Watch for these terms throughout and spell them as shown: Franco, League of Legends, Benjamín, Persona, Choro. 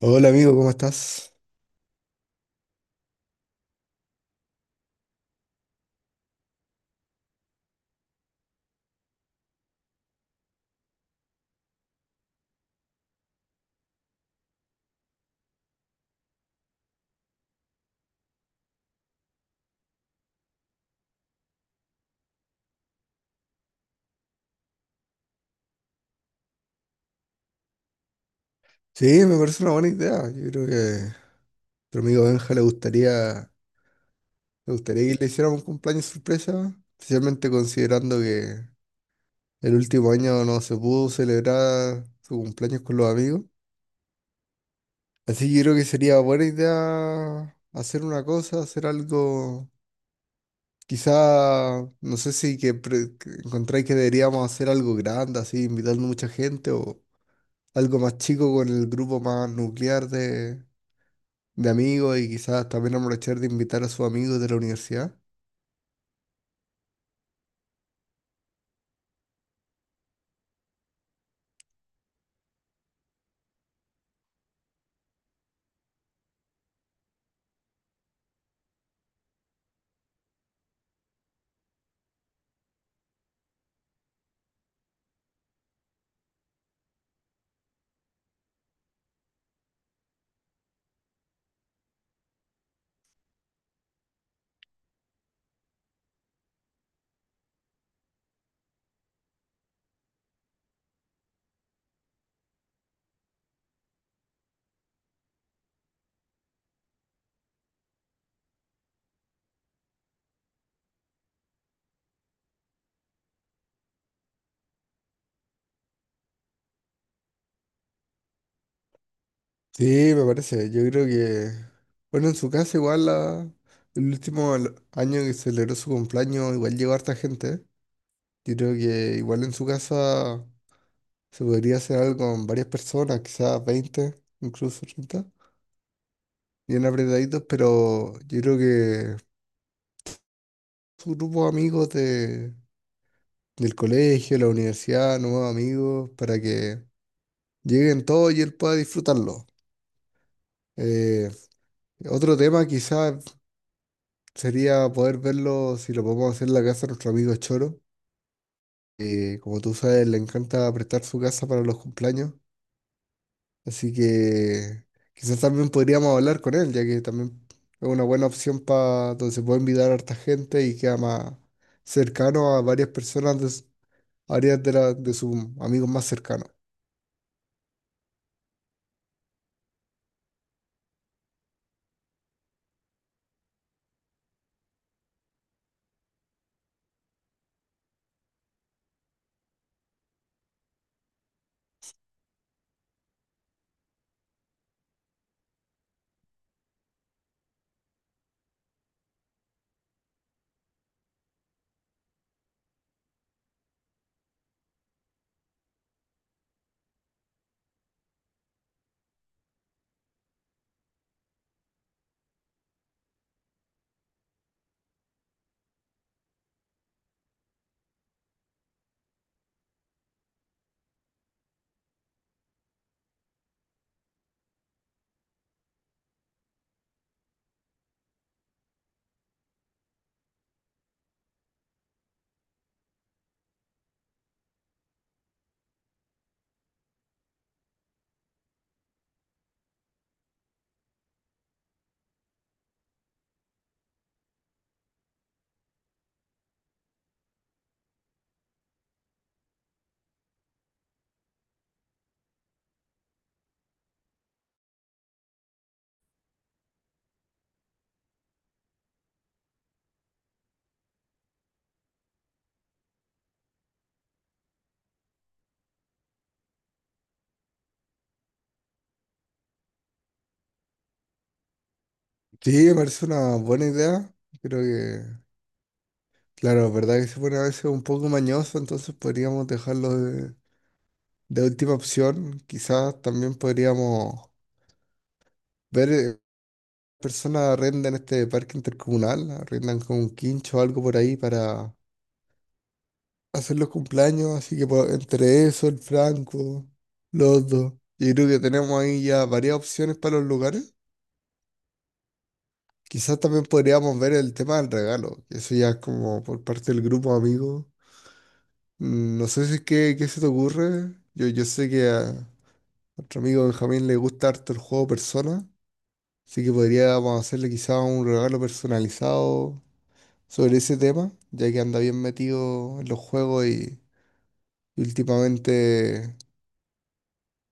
Hola amigo, ¿cómo estás? Sí, me parece una buena idea. Yo creo que a nuestro amigo Benja le gustaría que le hiciéramos un cumpleaños sorpresa, especialmente considerando que el último año no se pudo celebrar su cumpleaños con los amigos. Así que yo creo que sería buena idea hacer una cosa, hacer algo, quizá, no sé si que que encontráis que deberíamos hacer algo grande, así invitando mucha gente o algo más chico con el grupo más nuclear de amigos y quizás también aprovechar de invitar a sus amigos de la universidad. Sí, me parece. Yo creo que, bueno, en su casa igual el año que celebró su cumpleaños igual llegó harta gente. Yo creo que igual en su casa se podría hacer algo con varias personas, quizás 20, incluso 30, bien apretaditos, pero yo creo que su grupo de amigos del colegio, la universidad, nuevos amigos, para que lleguen todos y él pueda disfrutarlo. Eh, Otro tema quizás sería poder verlo si lo podemos hacer en la casa de nuestro amigo Choro, que como tú sabes, le encanta prestar su casa para los cumpleaños. Así que quizás también podríamos hablar con él, ya que también es una buena opción para donde se puede invitar a harta gente y queda más cercano a varias personas de sus amigos más cercanos. Sí, me parece una buena idea. Creo que, claro, es verdad que se pone a veces un poco mañoso, entonces podríamos dejarlo de última opción, quizás también podríamos ver personas arrendan este parque intercomunal, arrendan con un quincho o algo por ahí para hacer los cumpleaños, así que entre eso, el Franco, los dos, yo creo que tenemos ahí ya varias opciones para los lugares. Quizás también podríamos ver el tema del regalo, eso ya es como por parte del grupo de amigos. Mm, no sé si qué, qué se te ocurre, yo sé que a nuestro amigo Benjamín le gusta harto el juego Persona. Así que podríamos hacerle quizá un regalo personalizado sobre ese tema, ya que anda bien metido en los juegos y últimamente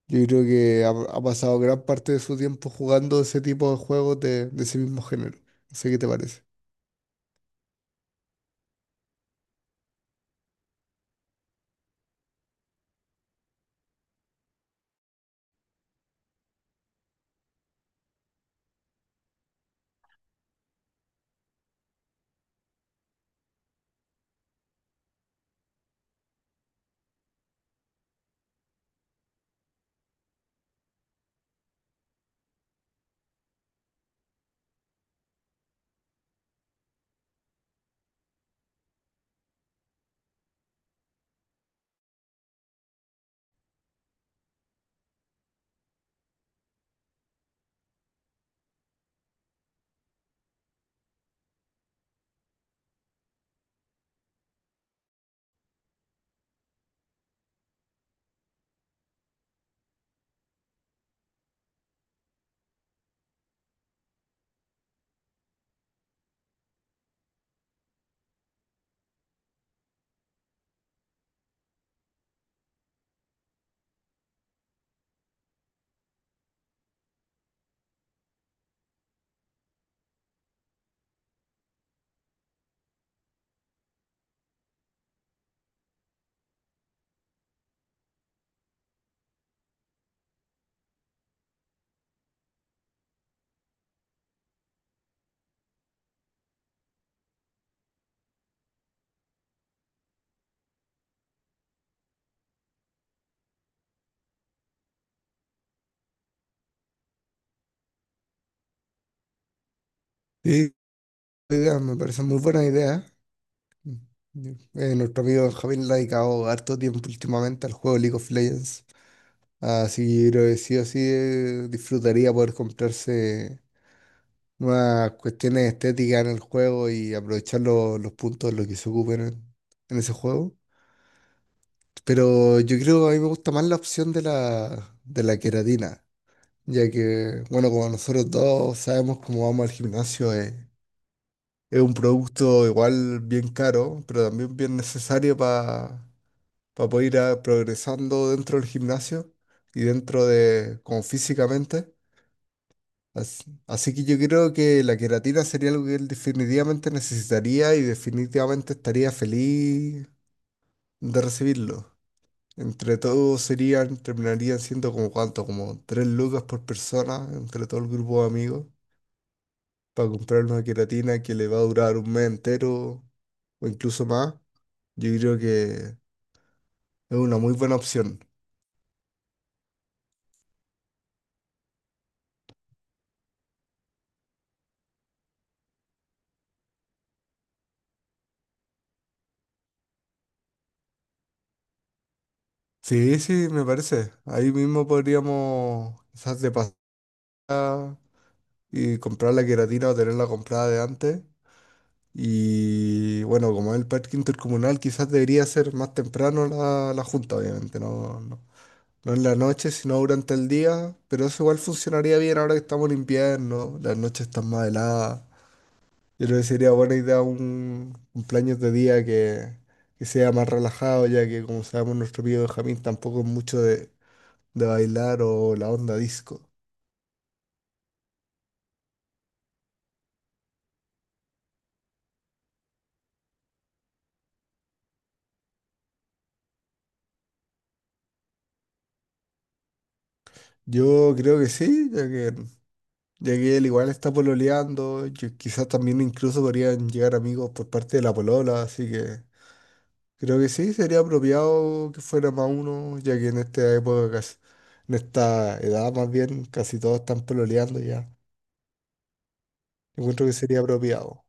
yo creo que ha pasado gran parte de su tiempo jugando ese tipo de juegos de ese mismo género. No sé qué te parece. Sí, idea, me parece muy buena idea. Nuestro amigo Benjamín le ha dedicado harto tiempo últimamente al juego League of Legends. Así que yo creo que sí o sí disfrutaría poder comprarse más cuestiones estéticas en el juego y aprovechar los puntos, lo que se ocupen en ese juego. Pero yo creo que a mí me gusta más la opción de de la queratina, ya que, bueno, como nosotros dos sabemos cómo vamos al gimnasio, es un producto igual bien caro, pero también bien necesario para poder progresando dentro del gimnasio y dentro de, como físicamente. Así, que yo creo que la queratina sería algo que él definitivamente necesitaría y definitivamente estaría feliz de recibirlo. Entre todos serían, terminarían siendo como cuánto, como tres lucas por persona, entre todo el grupo de amigos, para comprar una queratina que le va a durar un mes entero o incluso más. Yo creo que es una muy buena opción. Sí, sí, me parece. Ahí mismo podríamos quizás de pasar y comprar la queratina o tenerla comprada de antes. Y bueno, como es el parque intercomunal, quizás debería ser más temprano la junta, obviamente, no, no, no en la noche, sino durante el día, pero eso igual funcionaría bien ahora que estamos en invierno, las noches están más heladas. Yo creo que sería buena idea un cumpleaños de día que sea más relajado, ya que como sabemos nuestro amigo Benjamín tampoco es mucho de bailar o la onda disco. Yo creo que sí, ya que ya que él igual está pololeando, quizás también incluso podrían llegar amigos por parte de la polola, así que creo que sí, sería apropiado que fuera más uno, ya que en esta época, en esta edad más bien, casi todos están pololeando ya. Encuentro que sería apropiado.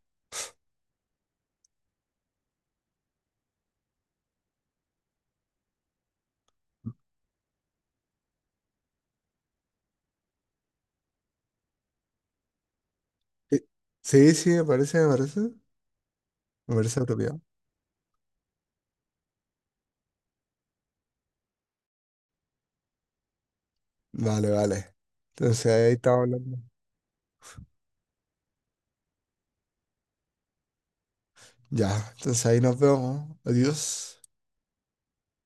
Eh, Sí, me parece apropiado. Vale, vale. Entonces ahí estamos hablando. Ya, entonces ahí nos vemos. Adiós.